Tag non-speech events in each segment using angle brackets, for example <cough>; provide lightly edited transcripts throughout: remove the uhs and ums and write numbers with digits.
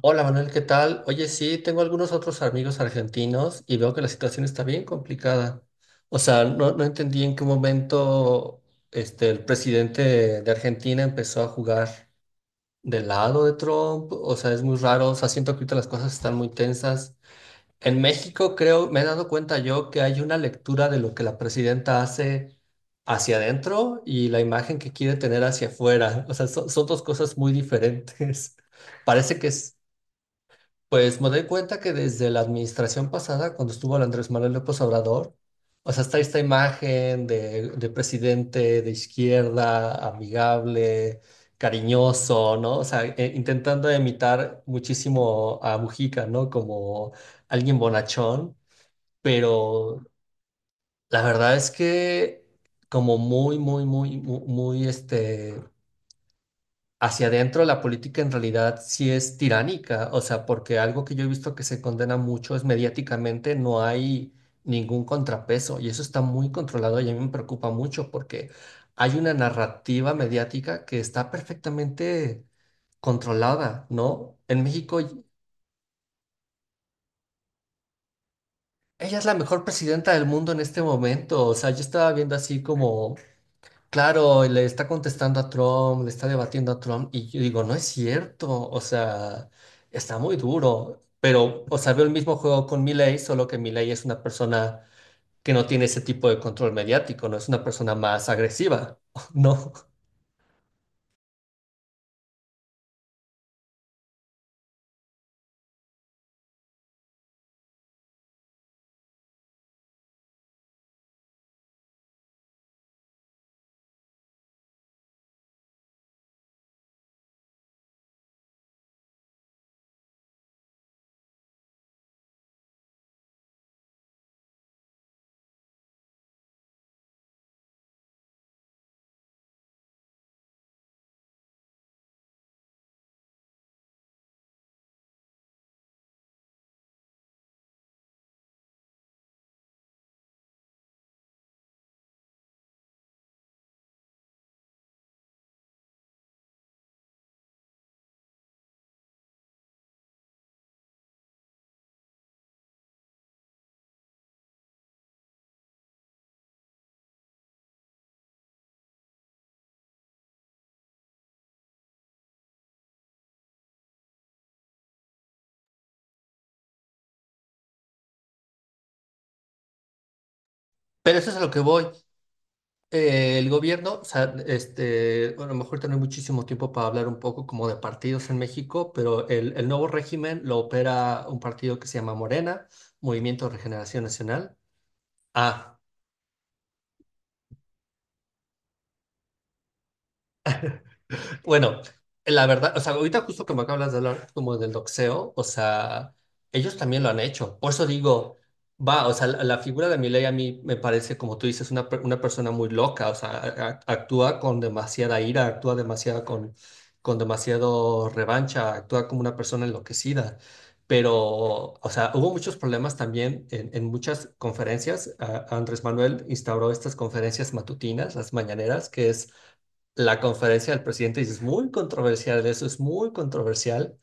Hola Manuel, ¿qué tal? Oye, sí, tengo algunos otros amigos argentinos y veo que la situación está bien complicada. O sea, no entendí en qué momento el presidente de Argentina empezó a jugar del lado de Trump. O sea, es muy raro. O sea, siento que ahorita las cosas están muy tensas. En México creo, me he dado cuenta yo que hay una lectura de lo que la presidenta hace hacia adentro y la imagen que quiere tener hacia afuera. O sea, son dos cosas muy diferentes. <laughs> Parece que es... Pues me doy cuenta que desde la administración pasada, cuando estuvo el Andrés Manuel López Obrador, o sea, está esta imagen de presidente de izquierda, amigable, cariñoso, ¿no? O sea, intentando imitar muchísimo a Mujica, ¿no? Como alguien bonachón, pero la verdad es que como muy, muy, muy, muy, muy, hacia adentro la política en realidad sí es tiránica. O sea, porque algo que yo he visto que se condena mucho es mediáticamente no hay ningún contrapeso y eso está muy controlado y a mí me preocupa mucho porque hay una narrativa mediática que está perfectamente controlada, ¿no? En México, ella es la mejor presidenta del mundo en este momento. O sea, yo estaba viendo así como: claro, y le está contestando a Trump, le está debatiendo a Trump, y yo digo, no es cierto. O sea, está muy duro, pero, o sea, veo el mismo juego con Milei, solo que Milei es una persona que no tiene ese tipo de control mediático, no es una persona más agresiva, <laughs> ¿no? Pero eso es a lo que voy. El gobierno, o sea, este, bueno, a lo mejor tenemos muchísimo tiempo para hablar un poco como de partidos en México, pero el nuevo régimen lo opera un partido que se llama Morena, Movimiento de Regeneración Nacional. Ah. Bueno, la verdad, o sea, ahorita justo como acabas de hablar como del doxeo, o sea, ellos también lo han hecho. Por eso digo, va, o sea, la figura de Milei a mí me parece, como tú dices, una, una persona muy loca. O sea, actúa con demasiada ira, actúa demasiado con demasiado revancha, actúa como una persona enloquecida. Pero, o sea, hubo muchos problemas también en muchas conferencias. Andrés Manuel instauró estas conferencias matutinas, las mañaneras, que es la conferencia del presidente dice, es muy controversial, eso es muy controversial,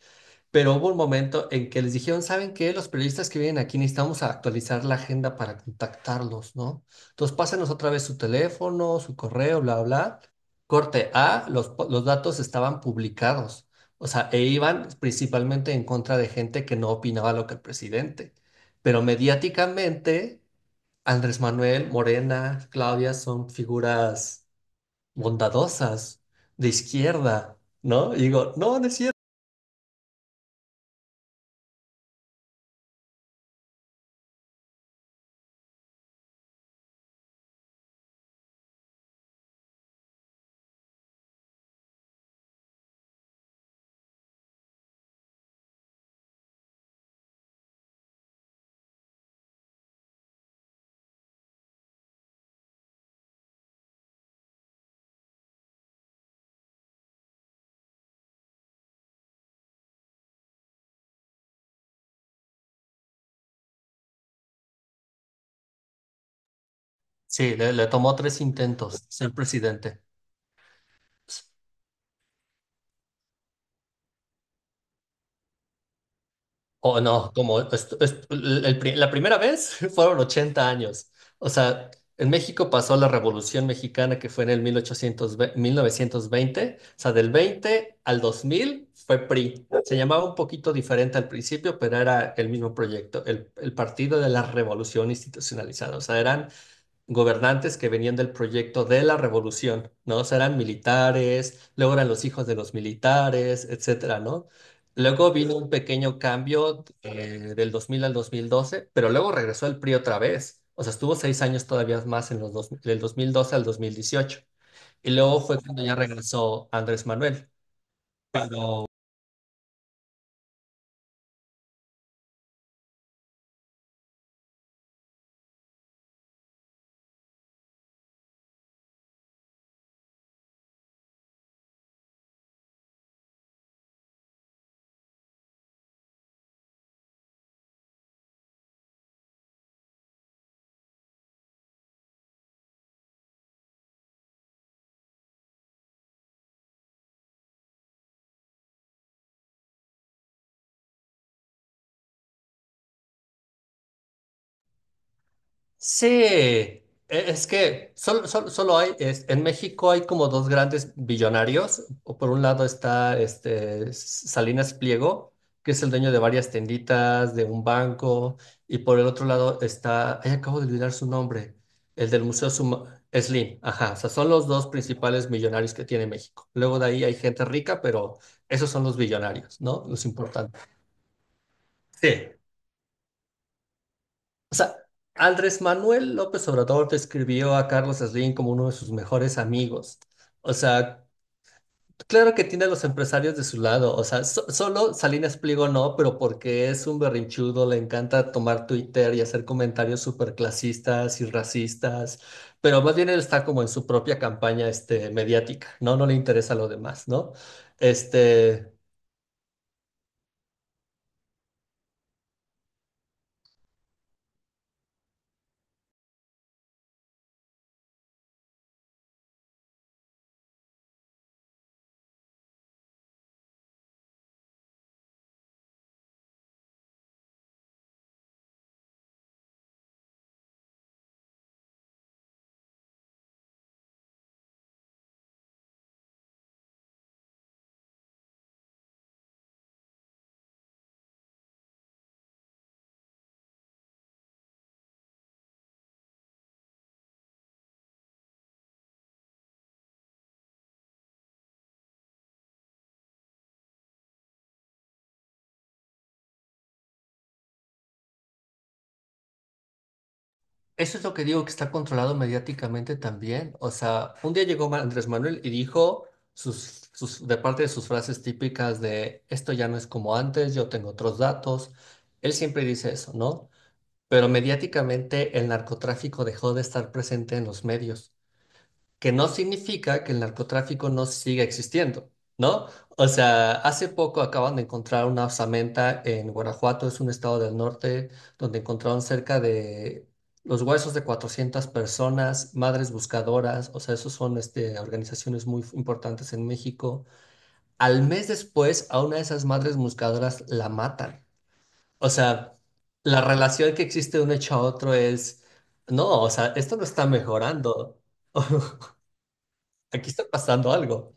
pero hubo un momento en que les dijeron: ¿saben qué? Los periodistas que vienen aquí necesitamos actualizar la agenda para contactarlos, ¿no? Entonces pásenos otra vez su teléfono, su correo, bla, bla. Corte A, los datos estaban publicados, o sea, e iban principalmente en contra de gente que no opinaba lo que el presidente, pero mediáticamente... Andrés Manuel, Morena, Claudia son figuras bondadosas, de izquierda, ¿no? Y digo, no, no es cierto. Sí, le tomó tres intentos ser presidente. O no, como la primera vez <laughs> fueron 80 años. O sea, en México pasó la Revolución Mexicana que fue en el 1920. O sea, del 20 al 2000 fue PRI. Se llamaba un poquito diferente al principio, pero era el mismo proyecto, el Partido de la Revolución Institucionalizada. O sea, eran gobernantes que venían del proyecto de la revolución, ¿no? O sea, eran militares, luego eran los hijos de los militares, etcétera, ¿no? Luego vino un pequeño cambio del 2000 al 2012, pero luego regresó el PRI otra vez. O sea, estuvo 6 años todavía más en los dos, del 2012 al 2018. Y luego fue cuando ya regresó Andrés Manuel. Pero sí, es que solo hay, en México hay como dos grandes billonarios. O por un lado está este Salinas Pliego, que es el dueño de varias tienditas, de un banco, y por el otro lado está, ay, acabo de olvidar su nombre, el del Museo Slim. Ajá, o sea, son los dos principales millonarios que tiene México. Luego de ahí hay gente rica, pero esos son los billonarios, ¿no? Los importantes. Sí. O sea, Andrés Manuel López Obrador describió a Carlos Slim como uno de sus mejores amigos. O sea, claro que tiene a los empresarios de su lado. O sea, solo Salinas Pliego no, pero porque es un berrinchudo, le encanta tomar Twitter y hacer comentarios súper clasistas y racistas. Pero más bien él está como en su propia campaña este, mediática, ¿no? No le interesa lo demás, ¿no? Este. Eso es lo que digo, que está controlado mediáticamente también. O sea, un día llegó Andrés Manuel y dijo sus, sus, de parte de sus frases típicas de esto ya no es como antes, yo tengo otros datos. Él siempre dice eso, ¿no? Pero mediáticamente el narcotráfico dejó de estar presente en los medios, que no significa que el narcotráfico no siga existiendo, ¿no? O sea, hace poco acaban de encontrar una osamenta en Guanajuato, es un estado del norte, donde encontraron cerca de los huesos de 400 personas, madres buscadoras. O sea, esos son este, organizaciones muy importantes en México. Al mes después, a una de esas madres buscadoras la matan. O sea, la relación que existe de un hecho a otro es, no, o sea, esto no está mejorando. <laughs> Aquí está pasando algo.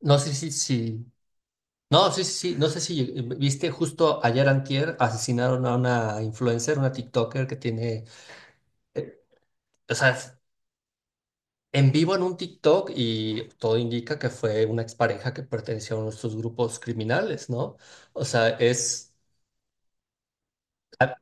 No sé no, sí, sí, sí, no sé si viste justo ayer antier asesinaron a una influencer, una TikToker que tiene, eh, o sea, es en vivo en un TikTok y todo indica que fue una expareja que perteneció a uno de estos grupos criminales, ¿no? O sea, es, ah,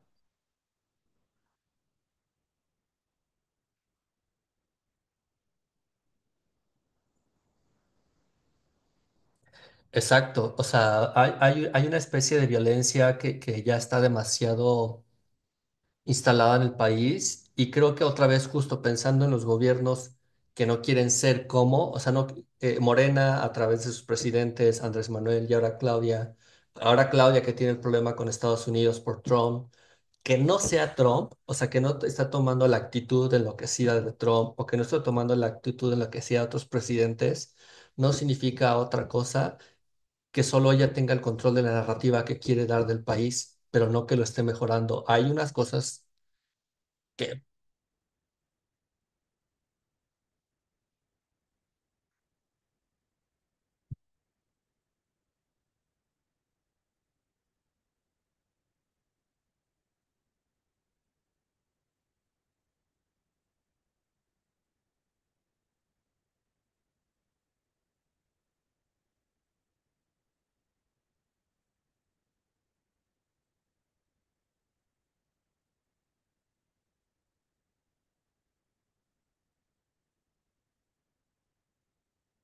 exacto, o sea, hay una especie de violencia que ya está demasiado instalada en el país y creo que otra vez justo pensando en los gobiernos que no quieren ser como, o sea, no, Morena a través de sus presidentes, Andrés Manuel y ahora Claudia que tiene el problema con Estados Unidos por Trump, que no sea Trump, o sea, que no está tomando la actitud enloquecida de Trump o que no está tomando la actitud enloquecida de otros presidentes, no significa otra cosa que solo ella tenga el control de la narrativa que quiere dar del país, pero no que lo esté mejorando. Hay unas cosas que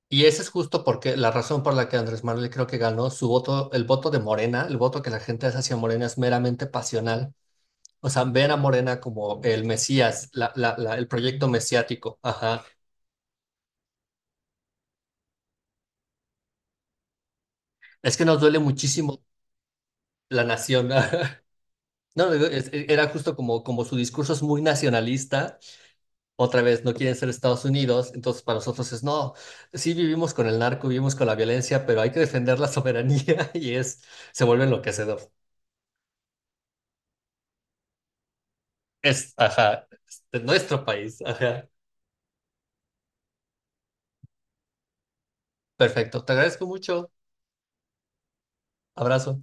y esa es justo porque la razón por la que Andrés Manuel creo que ganó su voto, el voto de Morena, el voto que la gente hace hacia Morena es meramente pasional. O sea, ven a Morena como el Mesías, el proyecto mesiático. Ajá. Es que nos duele muchísimo la nación. <laughs> No, digo, era justo como, como su discurso es muy nacionalista. Otra vez, no quieren ser Estados Unidos. Entonces, para nosotros es no. Sí, vivimos con el narco, vivimos con la violencia, pero hay que defender la soberanía <laughs> y es, se vuelve enloquecedor. Es, ajá, de nuestro país, ajá. Perfecto, te agradezco mucho. Abrazo.